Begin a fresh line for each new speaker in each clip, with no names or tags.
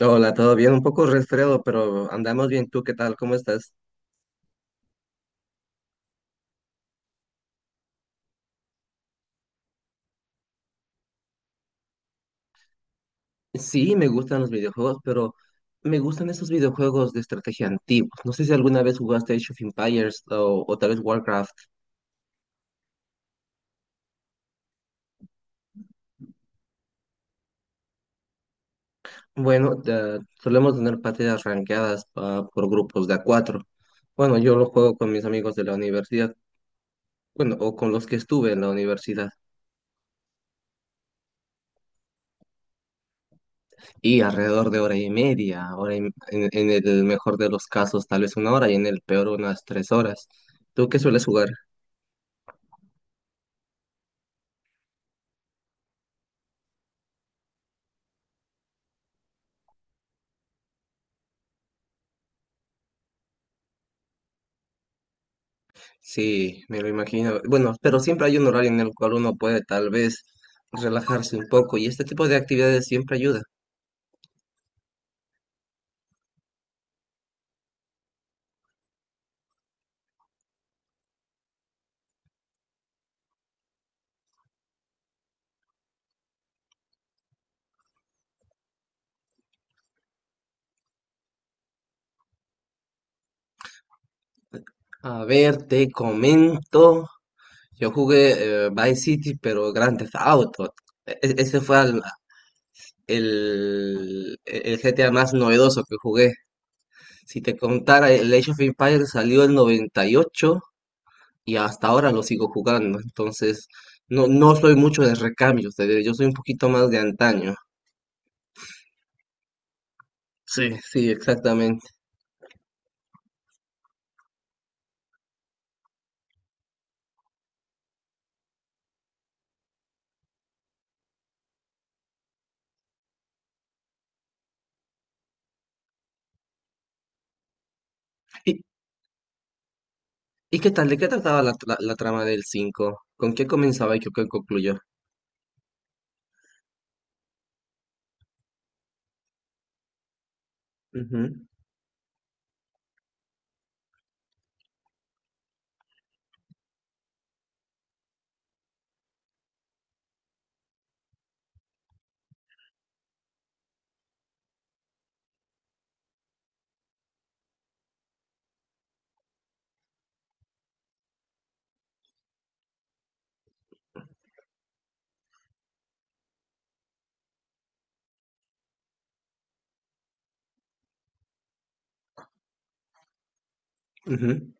Hola, todo bien, un poco resfriado, pero andamos bien. ¿Tú qué tal? ¿Cómo estás? Sí, me gustan los videojuegos, pero me gustan esos videojuegos de estrategia antiguos. No sé si alguna vez jugaste Age of Empires o tal vez Warcraft. Bueno, solemos tener partidas rankeadas por grupos de a cuatro. Bueno, yo lo juego con mis amigos de la universidad, bueno, o con los que estuve en la universidad. Y alrededor de hora y media, en el mejor de los casos, tal vez una hora, y en el peor unas 3 horas. ¿Tú qué sueles jugar? Sí, me lo imagino. Bueno, pero siempre hay un horario en el cual uno puede tal vez relajarse un poco y este tipo de actividades siempre ayuda. A ver, te comento. Yo jugué Vice City, pero Grand Theft Auto. E- e- ese fue al- el GTA más novedoso que jugué. Si te contara, el Age of Empires salió en 98 y ocho y hasta ahora lo sigo jugando. Entonces, no, no soy mucho de recambios, te diré, yo soy un poquito más de antaño. Sí, sí, exactamente. ¿Y, y qué tal? ¿De qué trataba la trama del 5? ¿Con qué comenzaba y qué concluyó? Ujú, ujú.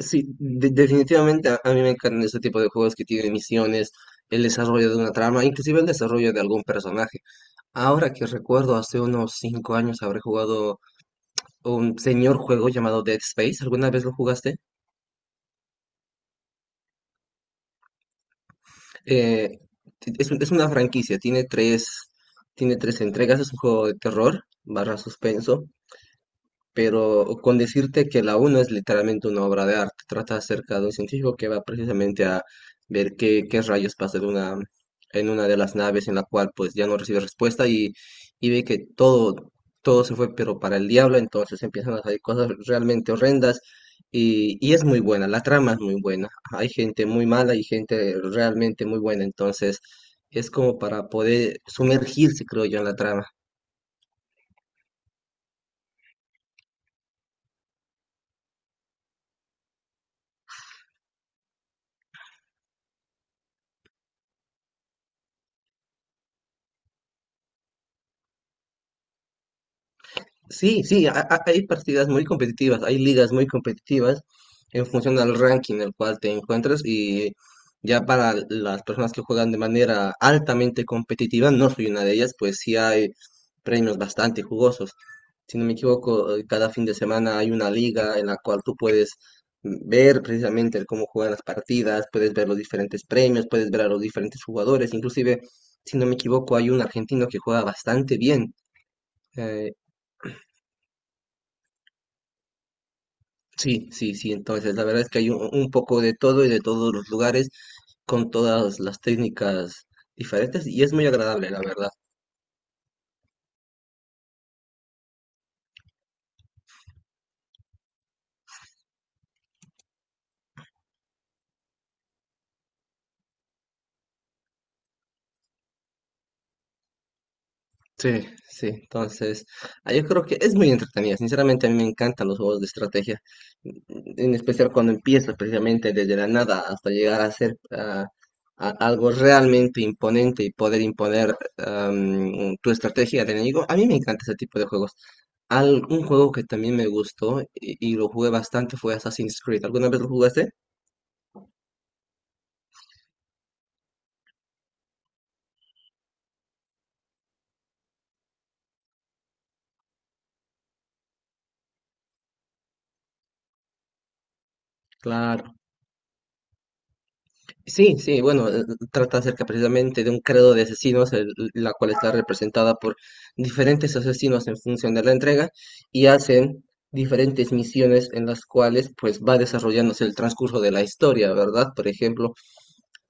Sí, definitivamente a mí me encantan ese tipo de juegos que tienen misiones, el desarrollo de una trama, inclusive el desarrollo de algún personaje. Ahora que recuerdo, hace unos 5 años habré jugado un señor juego llamado Dead Space. ¿Alguna vez lo jugaste? Eh, es una franquicia, tiene tres entregas, es un juego de terror barra suspenso. Pero con decirte que la uno es literalmente una obra de arte. Trata acerca de un científico que va precisamente a ver qué rayos pasa en una de las naves en la cual pues ya no recibe respuesta y ve que todo se fue pero para el diablo, entonces empiezan a salir cosas realmente horrendas y es muy buena, la trama es muy buena. Hay gente muy mala y gente realmente muy buena, entonces es como para poder sumergirse, creo yo, en la trama. Sí, sí, hay partidas muy competitivas, hay ligas muy competitivas en función del ranking en el cual te encuentras y ya para las personas que juegan de manera altamente competitiva, no soy una de ellas, pues sí hay premios bastante jugosos. Si no me equivoco, cada fin de semana hay una liga en la cual tú puedes ver precisamente el cómo juegan las partidas, puedes ver los diferentes premios, puedes ver a los diferentes jugadores, inclusive, si no me equivoco, hay un argentino que juega bastante bien eh, Sí, sí, sí, entonces la verdad es que hay un poco de todo y de todos los lugares con todas las técnicas diferentes y es muy agradable, la verdad. Sí, sí, entonces, yo creo que es muy entretenida. Sinceramente, a mí me encantan los juegos de estrategia, mm, en especial cuando empiezas, precisamente desde la nada hasta llegar a ser algo realmente imponente y poder imponer tu estrategia al enemigo. A mí me encanta ese tipo de juegos. Un juego que también me gustó y lo jugué bastante fue Assassin's Creed. ¿Alguna vez lo jugaste? Claro. Sí, sí, bueno, trata acerca precisamente de un credo de asesinos, la cual está representada por diferentes asesinos en función de la entrega y hacen diferentes misiones en las cuales pues va desarrollándose el transcurso de la historia, ¿verdad? Por ejemplo,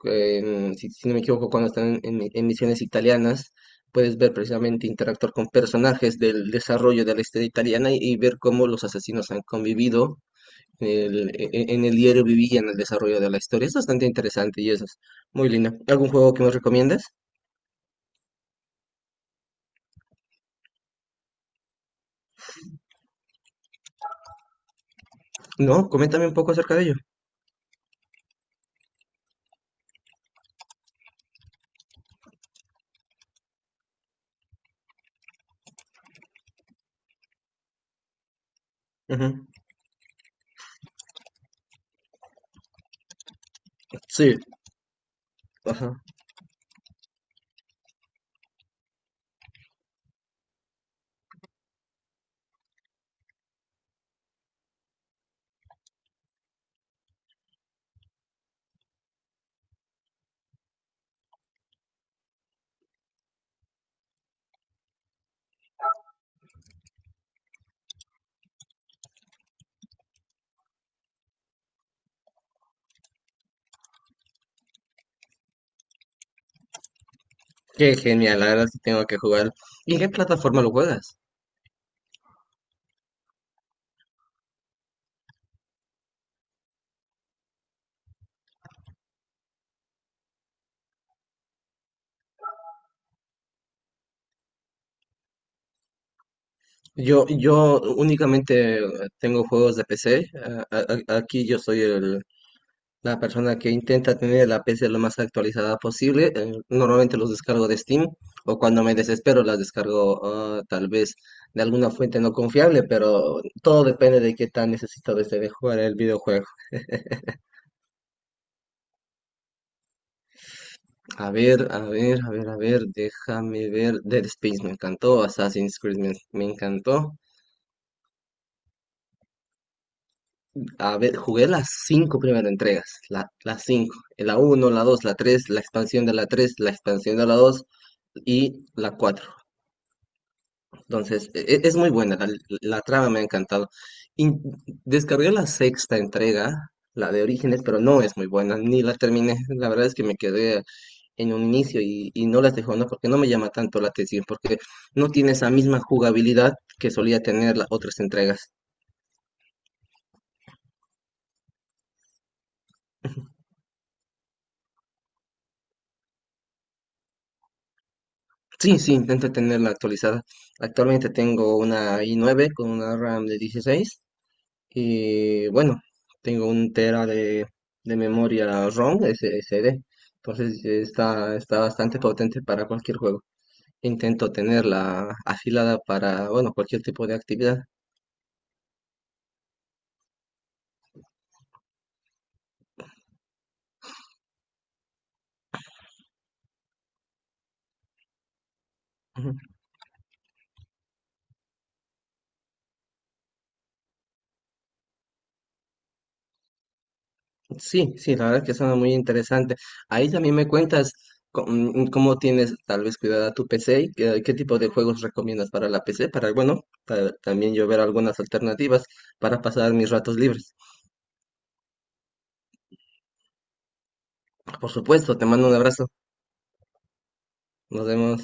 si no me equivoco, cuando están en misiones italianas, puedes ver precisamente interactuar con personajes del desarrollo de la historia italiana y ver cómo los asesinos han convivido en el diario viví y en el desarrollo de la historia. Es bastante interesante y eso es muy linda. ¿Algún juego que me recomiendas? No, coméntame un poco acerca de ello. Ujú. Sí, ajá. Qué genial, la verdad sí tengo que jugar. ¿Y en qué plataforma lo juegas? Yo únicamente tengo juegos de PC. Aquí yo soy La persona que intenta tener la PC lo más actualizada posible, normalmente los descargo de Steam o cuando me desespero las descargo tal vez de alguna fuente no confiable, pero todo depende de qué tan necesitado esté de jugar el videojuego. A ver, a ver, a ver, a ver, déjame ver. Dead Space me encantó, Assassin's Creed me encantó. A ver, jugué las cinco primeras entregas, las cinco, la uno, la 2, la 3, la expansión de la 3, la expansión de la 2 y la 4. Entonces, es muy buena, la trama me ha encantado. Y descargué la sexta entrega, la de Orígenes, pero no es muy buena, ni la terminé. La verdad es que me quedé en un inicio y no las dejo, ¿no? Porque no me llama tanto la atención, porque no tiene esa misma jugabilidad que solía tener las otras entregas. Sí, sí, intento tenerla actualizada. Actualmente tengo una i9 con una RAM de 16. Y bueno, tengo un tera de memoria ROM, SD. Entonces está bastante potente para cualquier juego. Intento tenerla afilada para, bueno, cualquier tipo de actividad. Ujú. Sí, sí, la verdad es que suena muy interesante. Ahí también me cuentas cómo, tienes tal vez cuidada tu PC y qué tipo de juegos recomiendas para la PC, para, bueno, para también yo ver algunas alternativas para pasar mis ratos libres. Por supuesto, te mando un abrazo. Nos vemos.